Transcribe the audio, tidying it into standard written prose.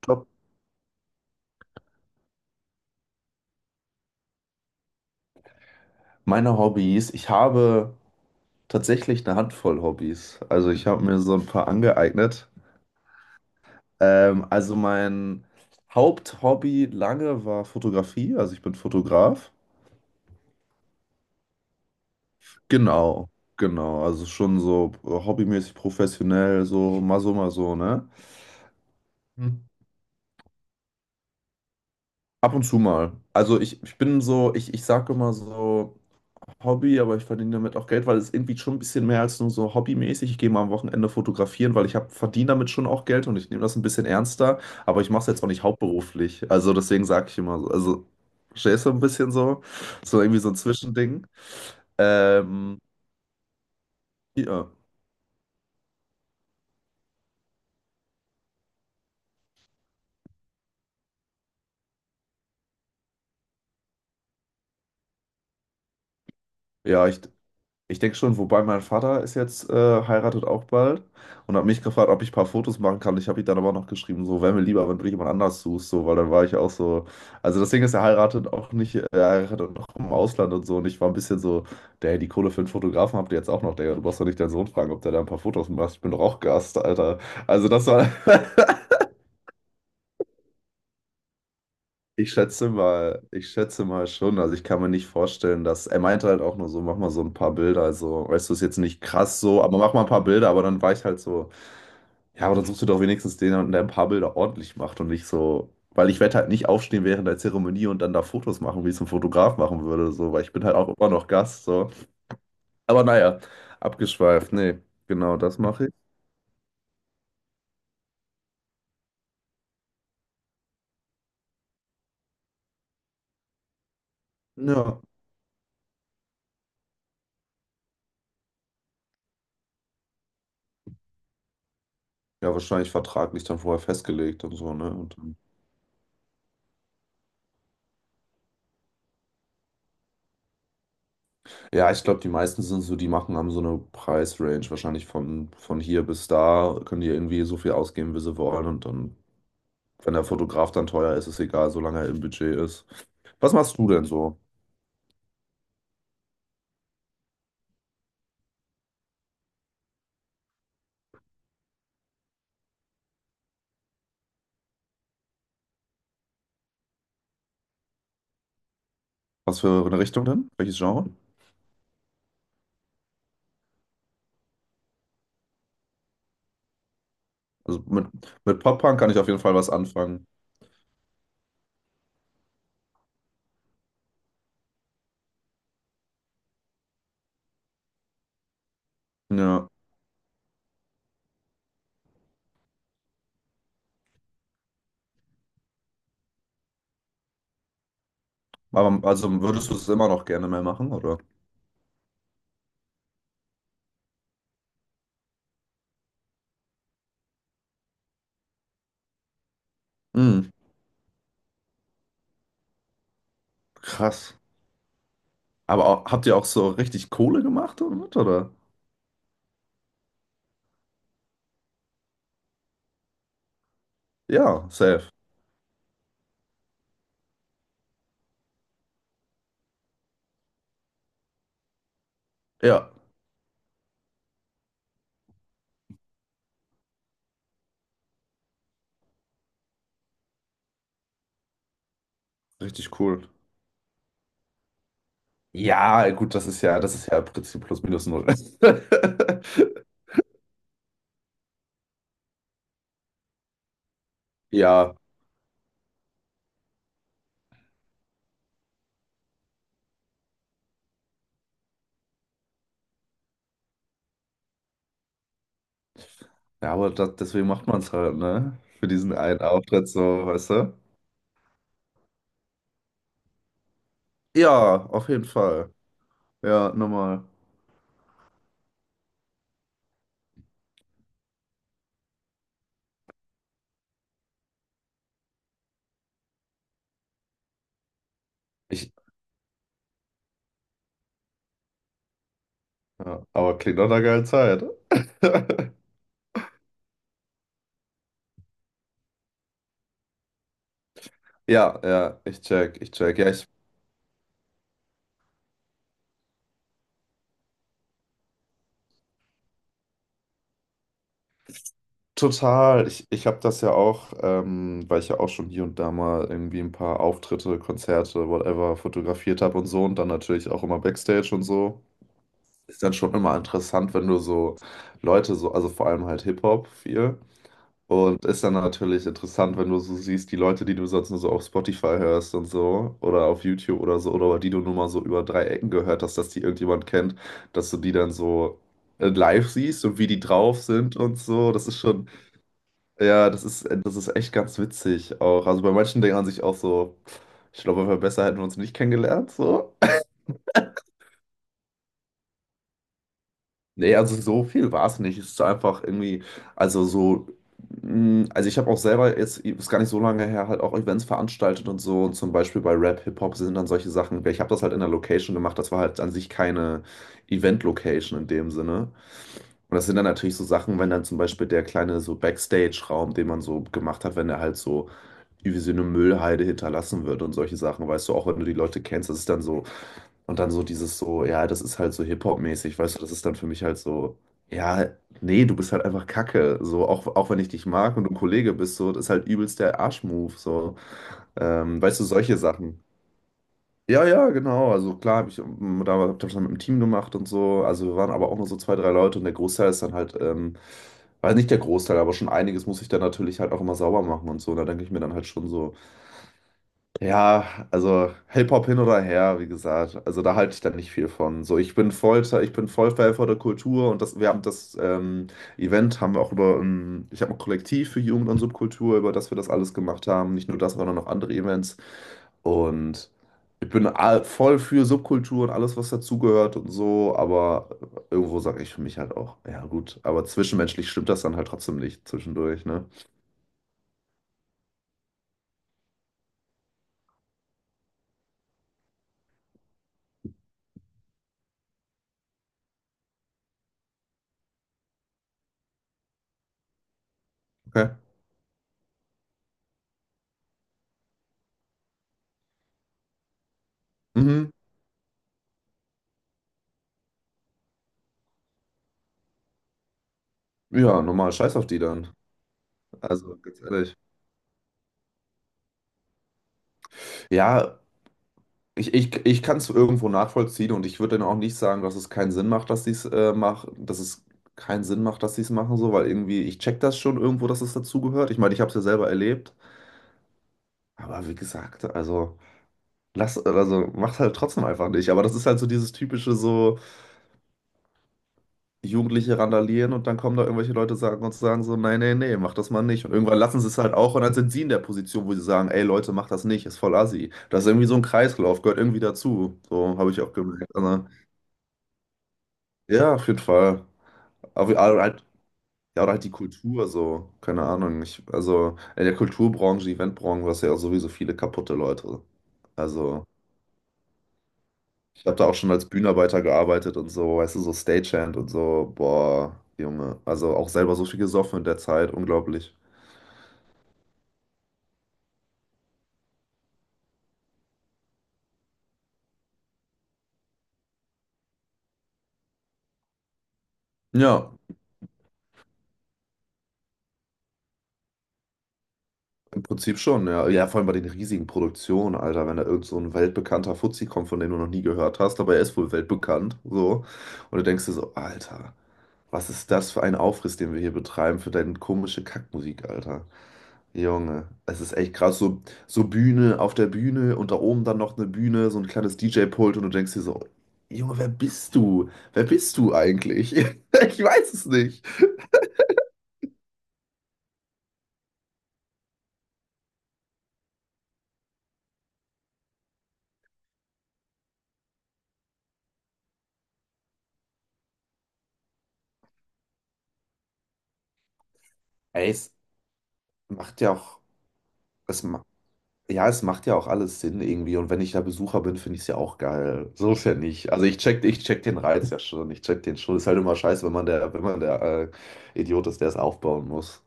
Glaube, meine Hobbys, ich habe tatsächlich eine Handvoll Hobbys. Also ich habe mir so ein paar angeeignet. Also mein Haupthobby lange war Fotografie. Also ich bin Fotograf. Genau, genau. Also schon so hobbymäßig professionell, so mal so, mal so, ne? Hm. Ab und zu mal. Also ich bin so, ich sage immer so Hobby, aber ich verdiene damit auch Geld, weil es irgendwie schon ein bisschen mehr als nur so hobbymäßig. Ich gehe mal am Wochenende fotografieren, weil ich verdiene damit schon auch Geld und ich nehme das ein bisschen ernster, aber ich mache es jetzt auch nicht hauptberuflich. Also deswegen sage ich immer so, also verstehst du ein bisschen so, so irgendwie so ein Zwischending. Ähm, ja, ja, ich. Ich denke schon, wobei mein Vater ist jetzt heiratet auch bald und hat mich gefragt, ob ich ein paar Fotos machen kann. Ich habe ihm dann aber noch geschrieben, so wäre mir lieber, wenn du jemand anders suchst, so, weil dann war ich auch so. Also das Ding ist, er heiratet auch nicht, er heiratet auch im Ausland und so. Und ich war ein bisschen so, der die Kohle für einen Fotografen habt ihr jetzt auch noch, Digga. Du brauchst doch nicht deinen Sohn fragen, ob der da ein paar Fotos macht. Ich bin doch auch Gast, Alter. Also das war. Ich schätze mal schon. Also ich kann mir nicht vorstellen, dass er meinte halt auch nur so, mach mal so ein paar Bilder. Also, weißt du, ist jetzt nicht krass so, aber mach mal ein paar Bilder. Aber dann war ich halt so, ja, aber dann suchst du doch wenigstens den, der ein paar Bilder ordentlich macht und nicht so, weil ich werde halt nicht aufstehen während der Zeremonie und dann da Fotos machen, wie ich es ein Fotograf machen würde, so, weil ich bin halt auch immer noch Gast, so. Aber naja, abgeschweift. Nee, genau das mache ich. Ja. Ja, wahrscheinlich vertraglich dann vorher festgelegt und so, ne? Und dann ja, ich glaube, die meisten sind so, die machen, haben so eine Preisrange, wahrscheinlich von hier bis da, können die irgendwie so viel ausgeben, wie sie wollen. Und dann, wenn der Fotograf dann teuer ist, ist egal, solange er im Budget ist. Was machst du denn so? Was für eine Richtung denn? Welches Genre? Also mit Pop-Punk kann ich auf jeden Fall was anfangen. Ja. Aber also würdest du es immer noch gerne mehr machen, oder? Hm, krass. Aber auch, habt ihr auch so richtig Kohle gemacht damit, oder? Ja, safe. Ja, richtig cool. Ja, gut, das ist ja im Prinzip plus minus null. Ja, ja, aber deswegen macht man es halt, ne? Für diesen einen Auftritt so, weißt du? Ja, auf jeden Fall. Ja, nochmal. Ich, ja, aber klingt doch eine geile Zeit. Ja, ja, ich check. Ja, ich total. Ich habe das ja auch, weil ich ja auch schon hier und da mal irgendwie ein paar Auftritte, Konzerte, whatever, fotografiert habe und so und dann natürlich auch immer Backstage und so. Ist dann schon immer interessant, wenn du so Leute so, also vor allem halt Hip-Hop viel. Und ist dann natürlich interessant, wenn du so siehst, die Leute, die du sonst nur so auf Spotify hörst und so, oder auf YouTube oder so, oder die du nur mal so über drei Ecken gehört hast, dass die irgendjemand kennt, dass du die dann so live siehst und wie die drauf sind und so. Das ist schon, ja, das ist echt ganz witzig auch. Also bei manchen denkt man sich auch so, ich glaube, besser hätten wir uns nicht kennengelernt, so. Nee, also so viel war es nicht. Es ist einfach irgendwie, also so, also ich habe auch selber jetzt, ist gar nicht so lange her, halt auch Events veranstaltet und so. Und zum Beispiel bei Rap, Hip-Hop sind dann solche Sachen. Ich habe das halt in der Location gemacht, das war halt an sich keine Event-Location in dem Sinne. Und das sind dann natürlich so Sachen, wenn dann zum Beispiel der kleine so Backstage-Raum, den man so gemacht hat, wenn er halt so wie sie eine Müllhalde hinterlassen wird und solche Sachen, weißt du, auch wenn du die Leute kennst, das ist dann so, und dann so dieses so, ja, das ist halt so Hip-Hop-mäßig, weißt du, das ist dann für mich halt so, ja, nee, du bist halt einfach Kacke, so, auch, auch wenn ich dich mag und du ein Kollege bist, so, das ist halt übelst der Arschmove, so, weißt du, solche Sachen. Ja, ja, genau. Also klar, hab ich da hab ich das mit dem Team gemacht und so. Also wir waren aber auch nur so zwei, drei Leute und der Großteil ist dann halt, weiß nicht der Großteil, aber schon einiges muss ich dann natürlich halt auch immer sauber machen und so. Und da denke ich mir dann halt schon so, ja, also Hip-Hop hin oder her, wie gesagt. Also da halte ich dann nicht viel von. So, ich bin voll Fan von der Kultur und das, wir haben das Event haben wir auch über, ich habe ein Kollektiv für Jugend und Subkultur, über das wir das alles gemacht haben. Nicht nur das, sondern noch andere Events. Und voll für Subkultur und alles, was dazugehört und so, aber irgendwo sage ich für mich halt auch, ja gut, aber zwischenmenschlich stimmt das dann halt trotzdem nicht zwischendurch, ne? Okay. Mhm. Ja, normal, scheiß auf die dann. Also, ganz ehrlich. Ja, ich kann es irgendwo nachvollziehen und ich würde dann auch nicht sagen, dass es keinen Sinn macht, dass sie es machen, dass es keinen Sinn macht, dass sie es machen, so, weil irgendwie, ich check das schon irgendwo, dass es dazugehört. Ich meine, ich habe es ja selber erlebt, aber wie gesagt, also, lass, also macht halt trotzdem einfach nicht. Aber das ist halt so dieses typische, so, Jugendliche randalieren und dann kommen da irgendwelche Leute sagen und sagen so, nein, nee, nee, mach das mal nicht. Und irgendwann lassen sie es halt auch und dann sind sie in der Position, wo sie sagen, ey Leute, macht das nicht, ist voll assi. Das ist irgendwie so ein Kreislauf, gehört irgendwie dazu. So habe ich auch gemerkt. Also, ja, auf jeden Fall. Aber halt, ja, oder halt die Kultur so, keine Ahnung. Ich, also in der Kulturbranche, Eventbranche, du hast du ja auch sowieso viele kaputte Leute. Also ich habe da auch schon als Bühnenarbeiter gearbeitet und so, weißt du, so Stagehand und so, boah, Junge. Also auch selber so viel gesoffen in der Zeit, unglaublich. Ja. Im Prinzip schon, ja. Ja, vor allem bei den riesigen Produktionen, Alter, wenn da irgend so ein weltbekannter Fuzzi kommt, von dem du noch nie gehört hast, aber er ist wohl weltbekannt, so. Und du denkst dir so, Alter, was ist das für ein Aufriss, den wir hier betreiben für deine komische Kackmusik, Alter. Junge, es ist echt krass, so, so Bühne auf der Bühne und da oben dann noch eine Bühne, so ein kleines DJ-Pult und du denkst dir so, Junge, wer bist du? Wer bist du eigentlich? Ich weiß es nicht. Ey, es macht ja auch. Es, Ja, es macht ja auch alles Sinn irgendwie. Und wenn ich da Besucher bin, finde ich es ja auch geil. So ist ja nicht. Also ich check den Reiz ja schon. Ich check den schon. Ist halt immer scheiße, wenn man der, wenn man der Idiot ist, der es aufbauen muss.